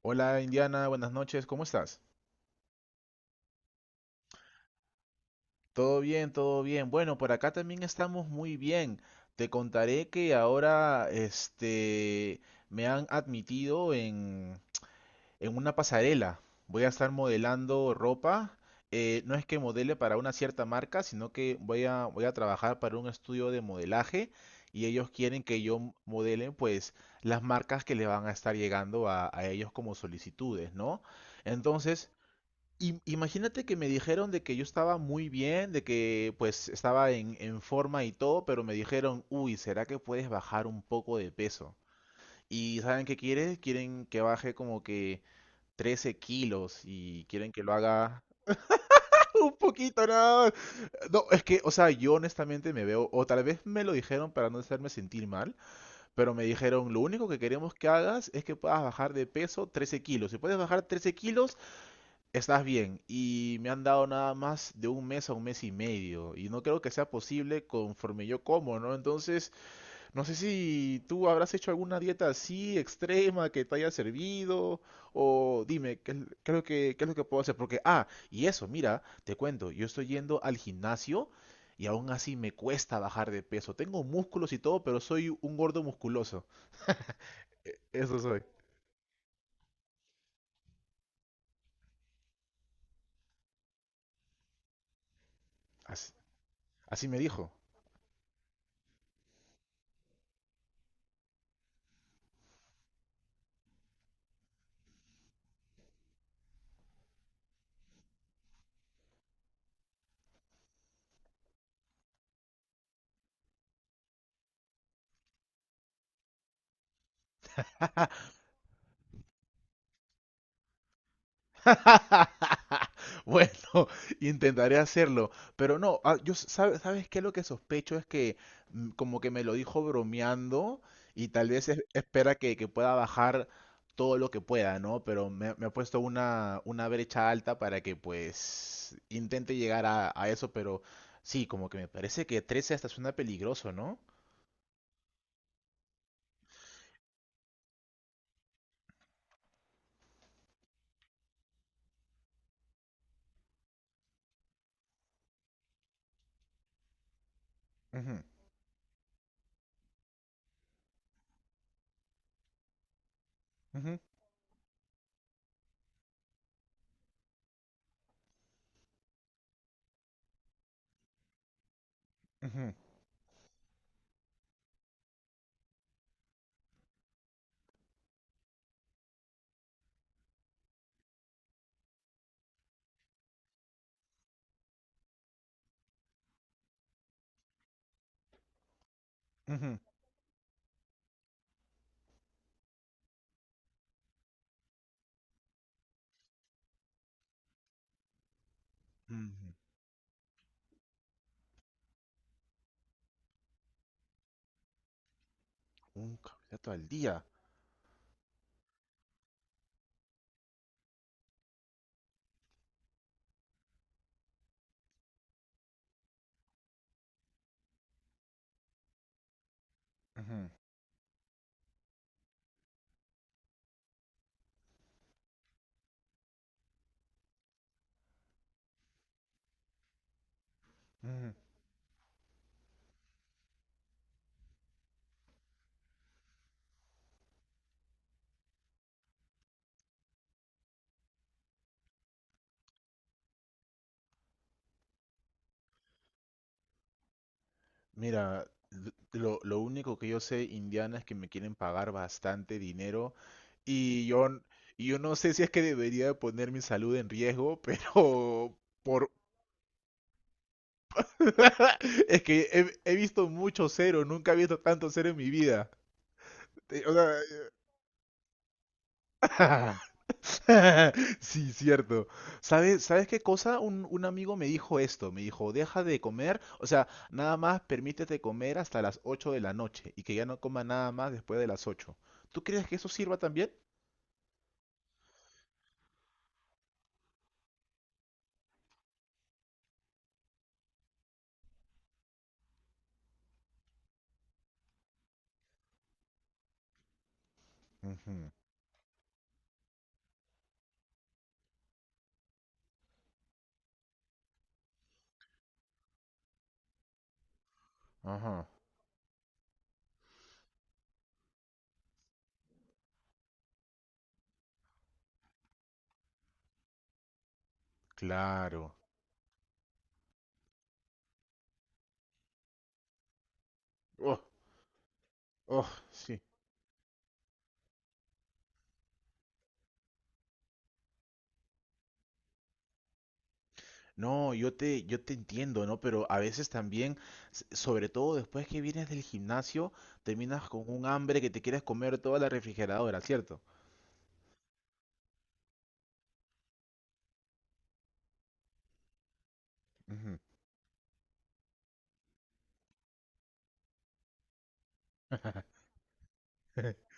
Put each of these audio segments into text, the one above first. Hola Indiana, buenas noches, ¿cómo estás? Todo bien, todo bien. Bueno, por acá también estamos muy bien. Te contaré que ahora me han admitido en una pasarela. Voy a estar modelando ropa. No es que modele para una cierta marca, sino que voy a trabajar para un estudio de modelaje y ellos quieren que yo modele pues las marcas que le van a estar llegando a ellos como solicitudes, ¿no? Entonces, imagínate que me dijeron de que yo estaba muy bien, de que pues estaba en forma y todo, pero me dijeron, uy, ¿será que puedes bajar un poco de peso? Y ¿saben qué quieren? Quieren que baje como que 13 kilos y quieren que lo haga un poquito nada más. No, es que, o sea, yo honestamente me veo, o tal vez me lo dijeron para no hacerme sentir mal, pero me dijeron, lo único que queremos que hagas es que puedas bajar de peso 13 kilos. Si puedes bajar 13 kilos, estás bien, y me han dado nada más de un mes a un mes y medio, y no creo que sea posible conforme yo como, ¿no? Entonces, no sé si tú habrás hecho alguna dieta así extrema que te haya servido, o dime, qué es lo qué es lo que puedo hacer? Porque, y eso, mira, te cuento, yo estoy yendo al gimnasio y aún así me cuesta bajar de peso. Tengo músculos y todo, pero soy un gordo musculoso. Eso soy. Así, así me dijo. Bueno, intentaré hacerlo, pero no, yo sabes, ¿sabes qué? Lo que sospecho es que como que me lo dijo bromeando y tal vez espera que pueda bajar todo lo que pueda, ¿no? Pero me ha puesto una brecha alta para que pues intente llegar a eso, pero sí, como que me parece que 13 hasta suena peligroso, ¿no? Ujú, ujú, ujú, ujú, ujú. Un carbohidrato al día. Ujú, ujú. Mira, lo único que yo sé, Indiana, es que me quieren pagar bastante dinero y yo, n- y yo no sé si es que debería poner mi salud en riesgo, pero por... Es que he visto mucho cero, nunca he visto tanto cero en mi vida. O sea, sí, cierto. ¿Sabes, sabes qué cosa? Un amigo me dijo esto, me dijo, deja de comer, o sea, nada más permítete comer hasta las 8 de la noche y que ya no coma nada más después de las 8. ¿Tú crees que eso sirva también? Ujú, ajá, claro. Oh, oh, sí. No, yo te entiendo, ¿no? Pero a veces también, sobre todo después que vienes del gimnasio, terminas con un hambre que te quieres comer toda la refrigeradora, ¿cierto? Ujú.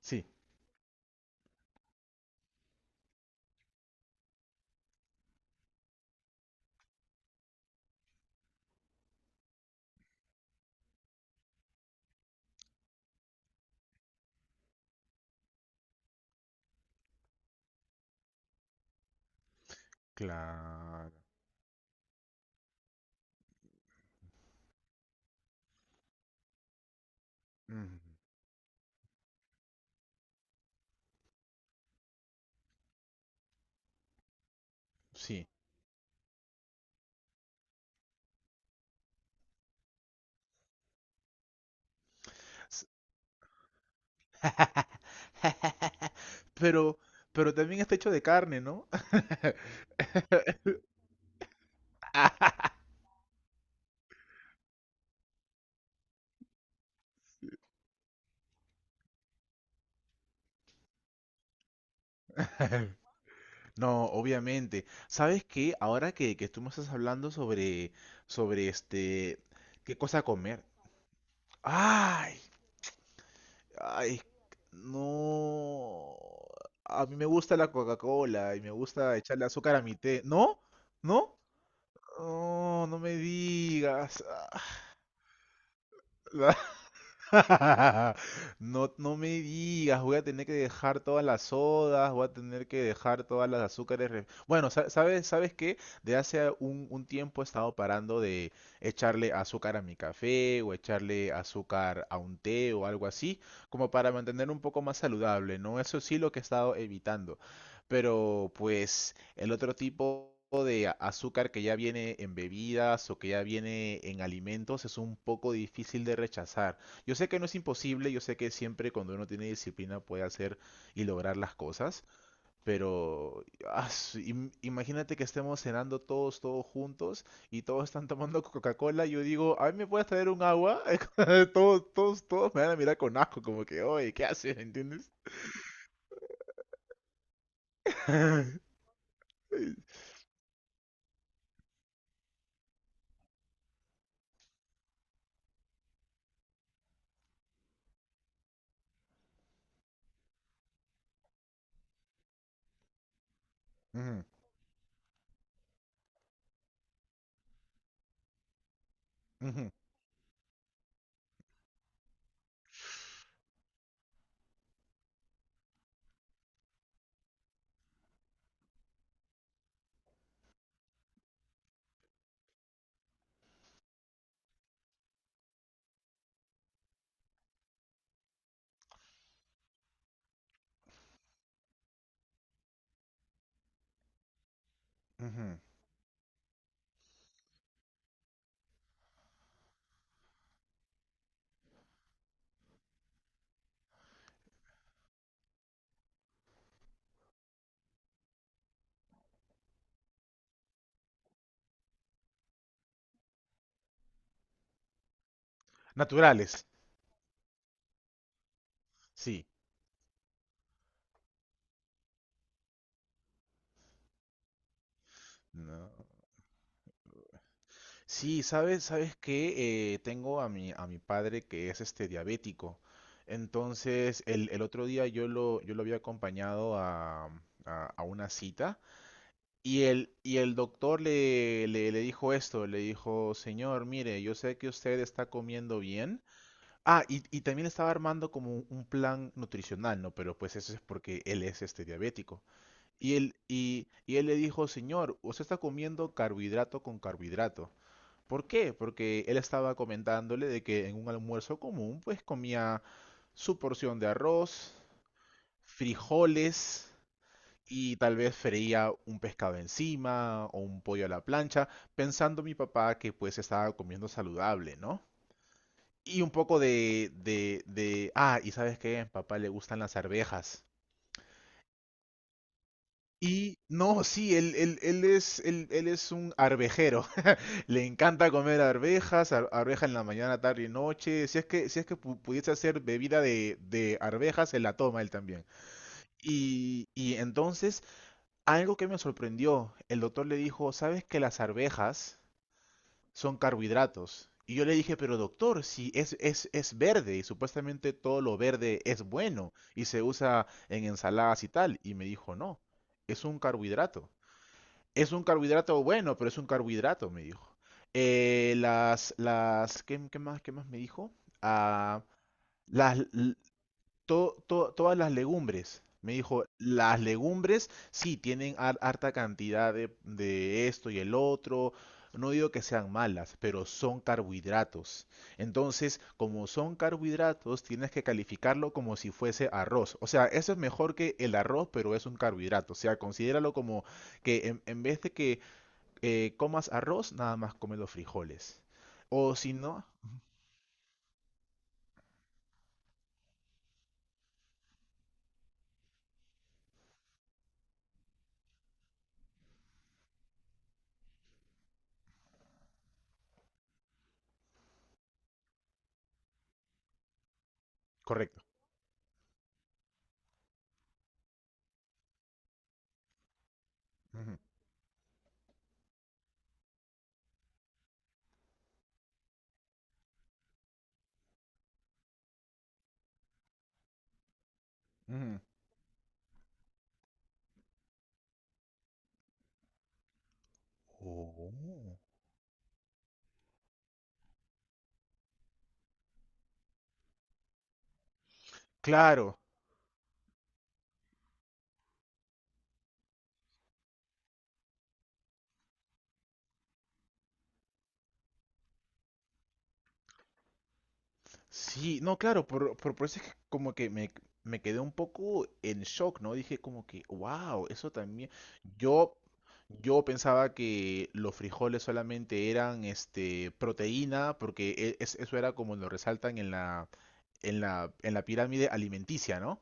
Sí, claro. Mm, sí. S- Pero, pero también está hecho de carne, ¿no? No, obviamente. ¿Sabes qué? Ahora que tú me estás hablando sobre, sobre qué cosa comer. Ay, ay, no. A mí me gusta la Coca-Cola y me gusta echarle azúcar a mi té. ¿No? ¿No? No, no me digas. No, no me digas, voy a tener que dejar todas las sodas, voy a tener que dejar todas las azúcares. Bueno, ¿sabes, sabes qué? De hace un tiempo he estado parando de echarle azúcar a mi café o echarle azúcar a un té o algo así, como para mantener un poco más saludable, ¿no? Eso sí lo que he estado evitando. Pero pues el otro tipo de azúcar que ya viene en bebidas o que ya viene en alimentos es un poco difícil de rechazar. Yo sé que no es imposible, yo sé que siempre cuando uno tiene disciplina puede hacer y lograr las cosas, pero imagínate que estemos cenando todos, todos juntos y todos están tomando Coca-Cola. Yo digo, ¿a mí me puedes traer un agua? Todos, todos, todos me van a mirar con asco, como que, oye, ¿qué haces? ¿Entiendes? Ujú, ujú, ujú. Naturales, sí. No. Sí, sabes, sabes que tengo a mi padre que es este diabético. Entonces, el otro día yo lo había acompañado a una cita y el doctor le dijo esto, le dijo, señor, mire, yo sé que usted está comiendo bien. Ah, y también estaba armando como un plan nutricional, ¿no? Pero pues eso es porque él es este diabético. Y él le dijo, señor, usted está comiendo carbohidrato con carbohidrato. ¿Por qué? Porque él estaba comentándole de que en un almuerzo común pues comía su porción de arroz, frijoles y tal vez freía un pescado encima o un pollo a la plancha, pensando mi papá que pues estaba comiendo saludable, ¿no? Y un poco y sabes qué, a papá le gustan las arvejas. Y no, sí, él es un arvejero. Le encanta comer arvejas, arveja en la mañana, tarde y noche. Si es que, si es que pudiese hacer bebida de arvejas, se la toma él también. Y entonces, algo que me sorprendió, el doctor le dijo, ¿sabes que las arvejas son carbohidratos? Y yo le dije, pero doctor, si es verde y supuestamente todo lo verde es bueno y se usa en ensaladas y tal. Y me dijo, no, es un carbohidrato. Es un carbohidrato bueno, pero es un carbohidrato, me dijo. ¿Qué, qué más me dijo? Ah, las, l- to- to- todas las legumbres. Me dijo, las legumbres sí tienen harta cantidad de esto y el otro. No digo que sean malas, pero son carbohidratos. Entonces, como son carbohidratos, tienes que calificarlo como si fuese arroz. O sea, eso es mejor que el arroz, pero es un carbohidrato. O sea, considéralo como que en vez de que comas arroz, nada más come los frijoles. O si no, correcto. Ujú, ujú. Oh, claro, sí, no, claro, por eso es que como que me quedé un poco en shock, ¿no? Dije como que, wow, eso también. Yo, yo pensaba que los frijoles solamente eran este, proteína, porque eso era como lo resaltan en en la pirámide alimenticia, ¿no?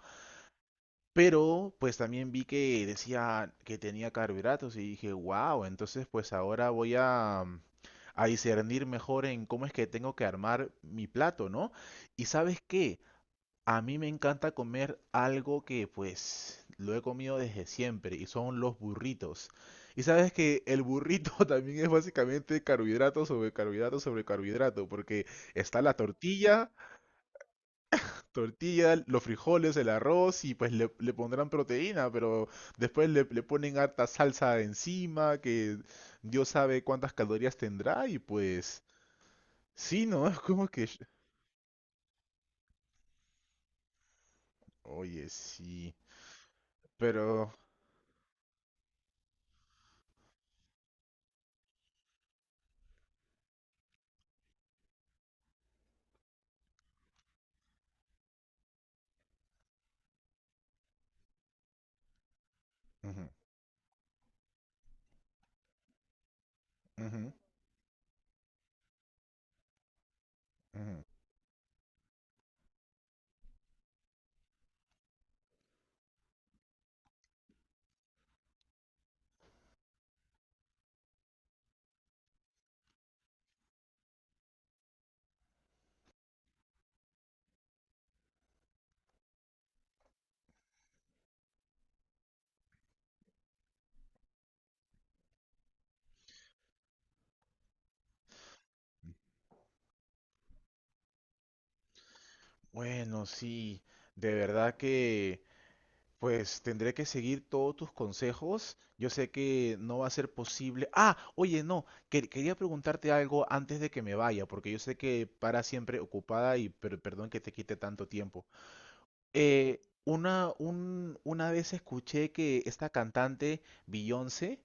Pero pues también vi que decía que tenía carbohidratos y dije, wow, entonces pues ahora voy a, a discernir mejor en cómo es que tengo que armar mi plato, ¿no? Y sabes qué, a mí me encanta comer algo que pues lo he comido desde siempre y son los burritos. Y sabes que el burrito también es básicamente carbohidrato sobre carbohidrato sobre carbohidrato, porque está la tortilla, tortilla, los frijoles, el arroz y pues le pondrán proteína, pero después le ponen harta salsa encima, que Dios sabe cuántas calorías tendrá y pues sí, ¿no? Es como que... Oye, sí, pero... ujú, ujú, ujú. Bueno, sí, de verdad que pues tendré que seguir todos tus consejos. Yo sé que no va a ser posible. Ah, oye, no, quería preguntarte algo antes de que me vaya, porque yo sé que para siempre ocupada y perdón que te quite tanto tiempo. Eh, una vez escuché que esta cantante Beyoncé,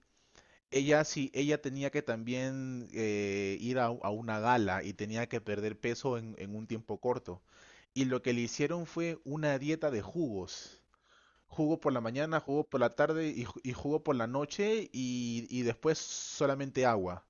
ella sí, ella tenía que también a una gala y tenía que perder peso en un tiempo corto. Y lo que le hicieron fue una dieta de jugos. Jugo por la mañana, jugo por la tarde y jugo por la noche y después solamente agua.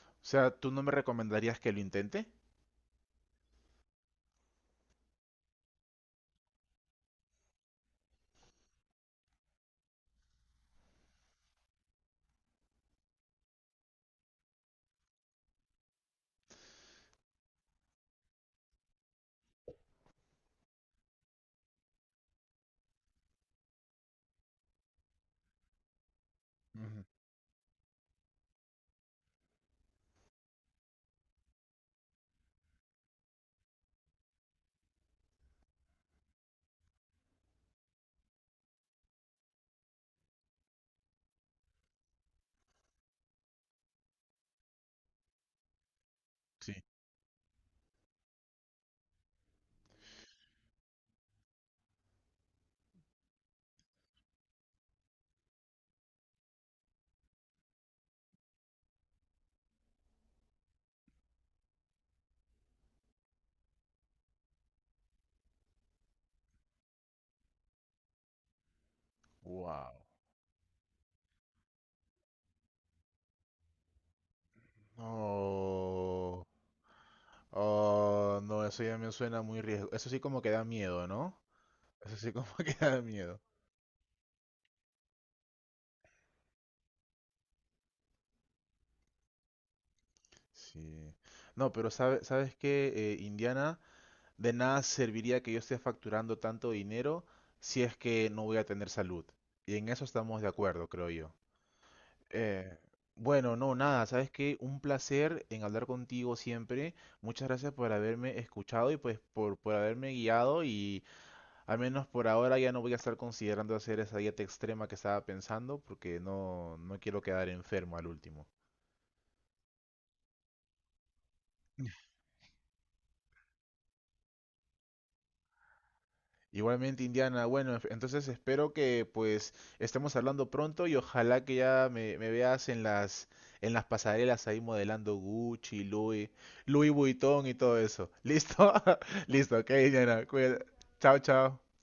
O sea, ¿tú no me recomendarías que lo intente? Ujú, sí. Wow. Oh, oh, no, eso ya me suena muy riesgo. Eso sí como que da miedo, ¿no? Eso sí como que da miedo. Sí. No, pero ¿sabes qué, Indiana? De nada serviría que yo esté facturando tanto dinero si es que no voy a tener salud. Y en eso estamos de acuerdo, creo yo. Eh, bueno, no, nada, sabes que un placer en hablar contigo siempre. Muchas gracias por haberme escuchado y pues por haberme guiado y al menos por ahora ya no voy a estar considerando hacer esa dieta extrema que estaba pensando porque no, no quiero quedar enfermo al último. Igualmente, Indiana. Bueno, entonces espero que pues estemos hablando pronto y ojalá que ya me veas en las pasarelas ahí modelando Gucci, Louis, Louis Vuitton y todo eso. ¿Listo? Listo, ok, Indiana. Chao, chao.